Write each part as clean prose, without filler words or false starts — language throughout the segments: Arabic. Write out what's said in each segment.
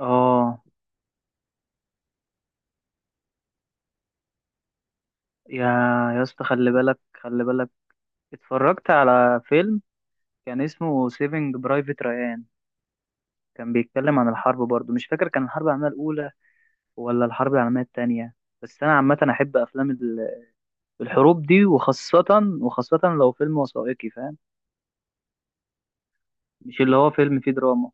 اه، يا يا اسطى، خلي بالك، خلي بالك. اتفرجت على فيلم كان اسمه سيفنج برايفت ريان، كان بيتكلم عن الحرب برضو. مش فاكر كان الحرب العالمية الأولى ولا الحرب العالمية التانية، بس أنا عامة أحب أفلام الحروب دي، وخاصة لو فيلم وثائقي فاهم، مش اللي هو فيلم فيه دراما.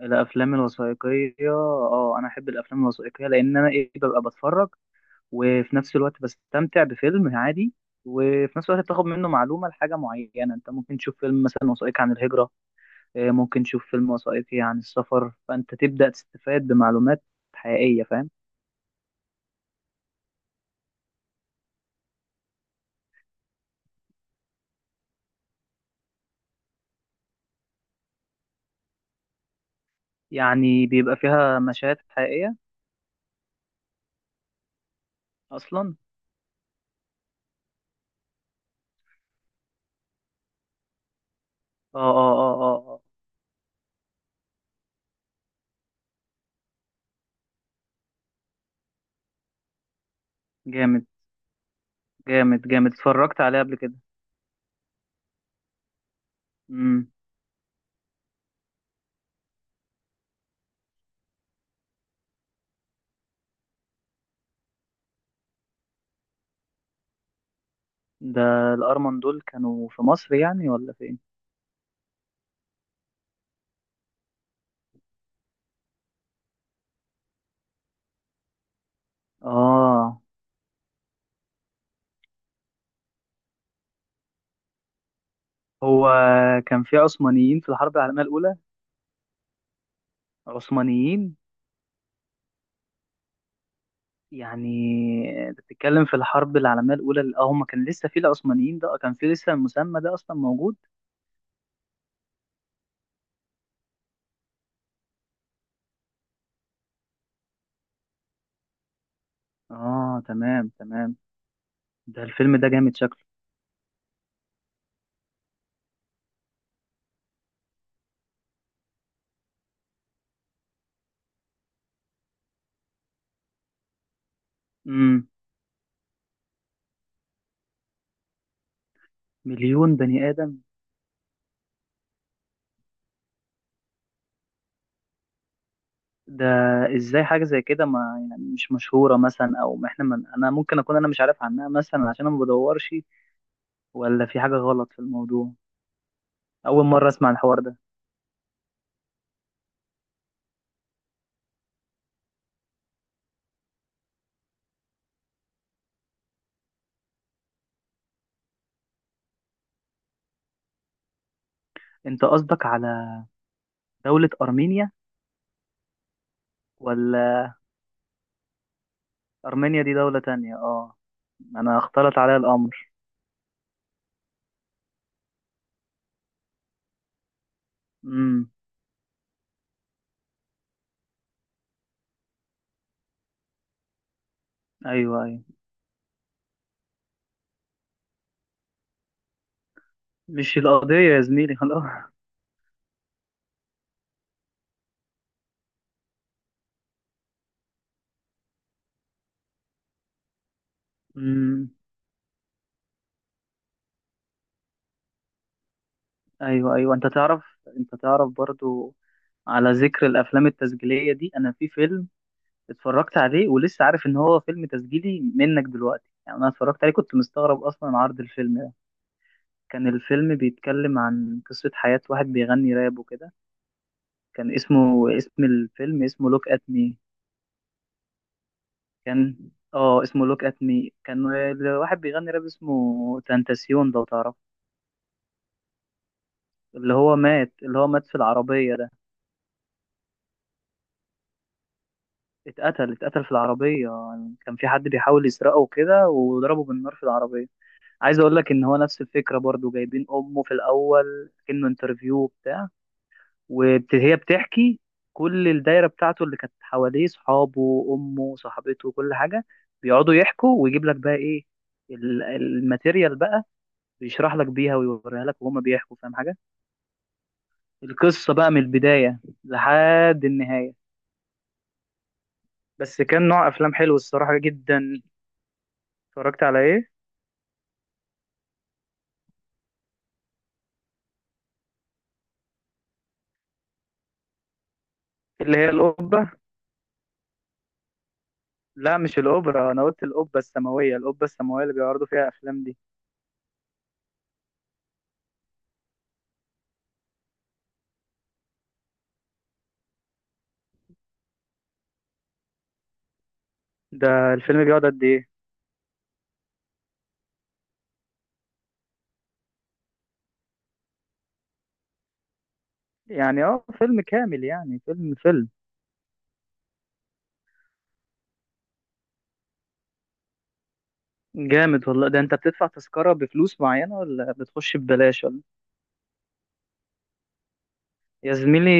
الأفلام الوثائقية، أنا أحب الأفلام الوثائقية، لأن أنا إيه ببقى بتفرج وفي نفس الوقت بستمتع بفيلم عادي، وفي نفس الوقت بتاخد منه معلومة لحاجة معينة. انت ممكن تشوف فيلم مثلا وثائقي عن الهجرة، ممكن تشوف فيلم وثائقي عن السفر، فانت تبدأ تستفاد بمعلومات حقيقية فاهم. يعني بيبقى فيها مشاهد حقيقية اصلا. اه اه اه اه آه. جامد جامد جامد، اتفرجت عليه قبل كده. امم. ده الارمن دول كانوا في مصر يعني ولا فين؟ اه. هو كان في عثمانيين في الحرب العالمية الأولى؟ عثمانيين؟ يعني انت بتتكلم في الحرب العالمية الأولى، هما كان لسه في العثمانيين ده؟ كان في لسه المسمى ده أصلا موجود؟ اه، تمام تمام. ده الفيلم ده جامد شكله. امم. مليون بني آدم؟ ده ازاي حاجة زي كده ما يعني مش مشهورة مثلا؟ أو ما احنا من، أنا ممكن أكون أنا مش عارف عنها مثلا عشان أنا ما بدورش، ولا في حاجة غلط في الموضوع؟ أول مرة أسمع الحوار ده. أنت قصدك على دولة أرمينيا؟ ولا أرمينيا دي دولة تانية؟ اه، أنا اختلط عليا الأمر. امم. أيوه أيوه. مش القضية يا زميلي، خلاص. أمم، أيوه أيوه. أنت تعرف، أنت تعرف برضو، على ذكر الأفلام التسجيلية دي، أنا في فيلم اتفرجت عليه ولسه عارف إن هو فيلم تسجيلي منك دلوقتي. يعني أنا اتفرجت عليه كنت مستغرب أصلا عرض الفيلم ده. كان الفيلم بيتكلم عن قصة حياة واحد بيغني راب وكده. كان اسمه، اسم الفيلم اسمه لوك أت مي. كان، اه اسمه لوك أت مي. كان الواحد بيغني راب، اسمه تنتاسيون لو تعرف، اللي هو مات، اللي هو مات في العربية. اتقتل، اتقتل في العربية. كان في حد بيحاول يسرقه وكده وضربه بالنار في العربية. عايز اقول لك ان هو نفس الفكرة برضو. جايبين امه في الاول كأنه انترفيو بتاع، وهي بتحكي. كل الدايرة بتاعته اللي كانت حواليه، صحابه، امه، صاحبته، كل حاجة، بيقعدوا يحكوا ويجيب لك بقى ايه الماتيريال بقى، بيشرح لك بيها ويوريها لك وهما بيحكوا فاهم حاجة، القصة بقى من البداية لحد النهاية. بس كان نوع افلام حلو الصراحة جدا. اتفرجت على ايه؟ اللي هي القبة؟ لا، مش الأوبرا، أنا قلت القبة السماوية، القبة السماوية اللي بيعرضوا فيها أفلام دي. ده الفيلم بيقعد قد إيه؟ يعني فيلم كامل؟ يعني فيلم فيلم؟ جامد والله. ده أنت بتدفع تذكرة بفلوس معينة، ولا بتخش ببلاش ولا؟ يا زميلي،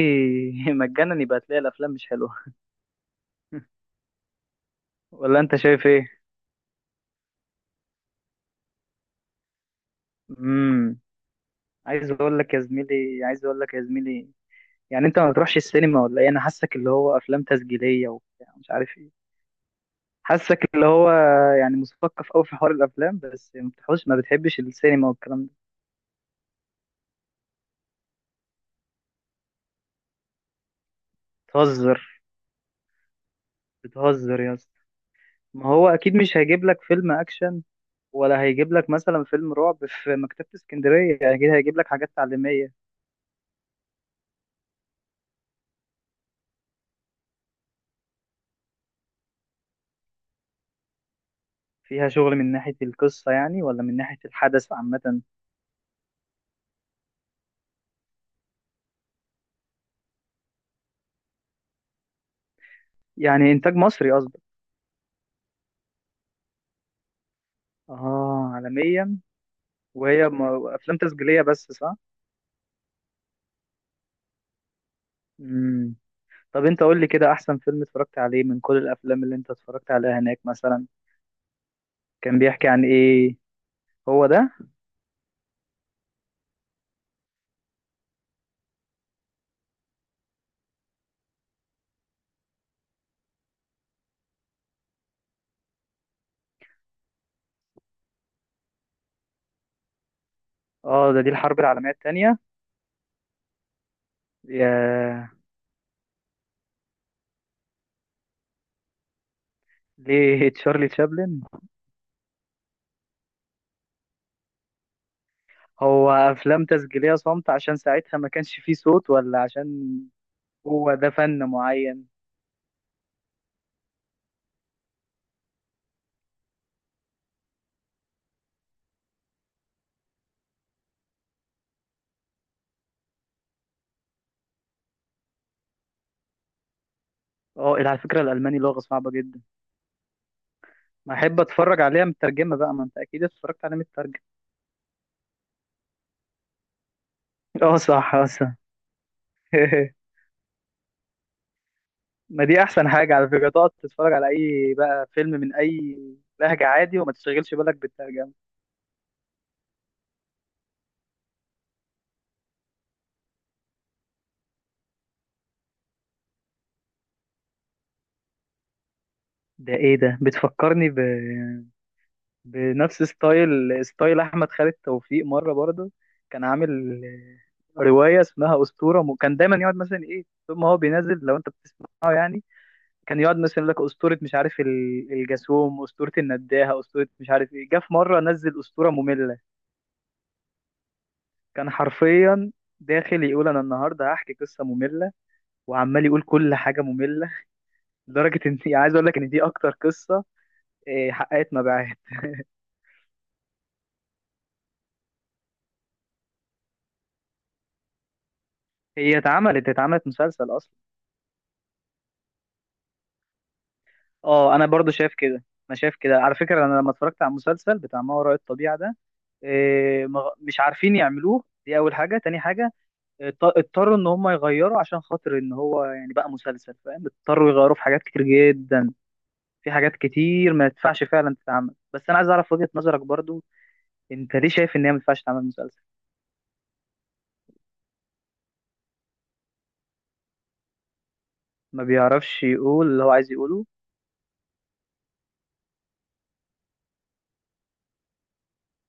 مجانا يبقى تلاقي الأفلام مش حلوة. ولا أنت شايف إيه؟ امم. عايز أقول لك يا زميلي، عايز أقول لك يا زميلي، يعني أنت ما بتروحش السينما ولا إيه؟ أنا حاسك اللي هو أفلام تسجيلية وبتاع مش عارف إيه. حاسك اللي هو يعني مثقف قوي في حوار الافلام، بس ما بتحبش السينما والكلام ده. بتهزر، بتهزر يا اسطى. ما هو اكيد مش هيجيب لك فيلم اكشن، ولا هيجيب لك مثلا فيلم رعب في مكتبة اسكندرية، اكيد هيجيب لك حاجات تعليمية، فيها شغل. من ناحية القصة يعني، ولا من ناحية الحدث عامة؟ يعني انتاج مصري قصدك؟ اه، عالميا. وهي افلام تسجيلية بس، صح؟ امم. طب انت قول لي كده، احسن فيلم اتفرجت عليه من كل الافلام اللي انت اتفرجت عليها هناك مثلا. كان بيحكي عن ايه؟ هو ده؟ اه، دي الحرب العالمية التانية. يا، ليه؟ تشارلي تشابلن؟ هو افلام تسجيلية صامتة عشان ساعتها ما كانش فيه صوت، ولا عشان هو ده فن معين؟ اه، على فكرة الالماني لغة صعبة جدا. ما احب اتفرج عليها مترجمة بقى. ما انت اكيد اتفرجت عليها مترجمة. اه صح، اه صح. ما دي احسن حاجة على فكرة، تقعد تتفرج على اي بقى فيلم من اي لهجة عادي، وما تشغلش بالك بالترجمة. ده ايه ده؟ بتفكرني بنفس ستايل احمد خالد توفيق مره برضه. كان عامل روايه اسمها اسطوره، كان دايما يقعد مثلا ايه طول ما هو بينزل، لو انت بتسمعه يعني، كان يقعد مثلا يقول لك اسطوره مش عارف الجاسوم، اسطوره النداهه، اسطوره مش عارف ايه. جه في مره نزل اسطوره ممله، كان حرفيا داخل يقول انا النهارده هحكي قصه ممله، وعمال يقول كل حاجه ممله، لدرجه ان عايز اقول لك ان دي اكتر قصه حققت مبيعات. هي اتعملت، مسلسل اصلا. اه، انا برضو شايف كده. انا شايف كده على فكره، انا لما اتفرجت على المسلسل بتاع ما وراء الطبيعه ده، مش عارفين يعملوه، دي اول حاجه. تاني حاجه، اضطروا ان هم يغيروا عشان خاطر ان هو يعني بقى مسلسل فاهم، اضطروا يغيروا في حاجات كتير جدا، في حاجات كتير ما ينفعش فعلا تتعمل. بس انا عايز اعرف وجهه نظرك برضو، انت ليه شايف ان هي ما ينفعش تعمل مسلسل؟ ما بيعرفش يقول اللي هو عايز يقوله؟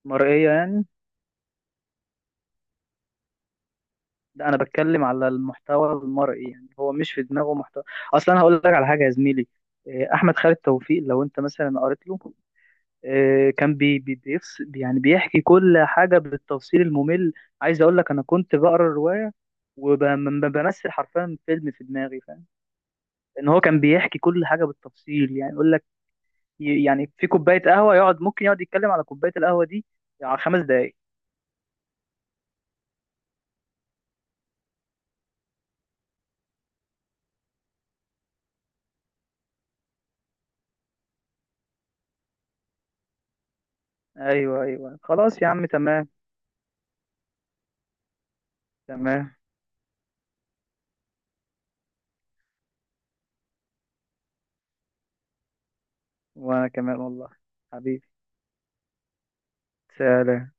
مرئيه يعني؟ لا، انا بتكلم على المحتوى المرئي، يعني هو مش في دماغه محتوى اصلا. انا هقول لك على حاجه يا زميلي. احمد خالد توفيق لو انت مثلا قريت له، كان بي بي بيفس، يعني بيحكي كل حاجه بالتفصيل الممل. عايز اقول لك انا كنت بقرا الروايه وبمثل حرفيا فيلم في دماغي فاهم. ان هو كان بيحكي كل حاجه بالتفصيل، يعني يقول لك يعني في كوبايه قهوه، ممكن يقعد يتكلم على كوبايه القهوه دي على 5 دقائق. ايوه ايوه خلاص يا عم، تمام. تمام. وانا كمان والله. حبيبي، سلام.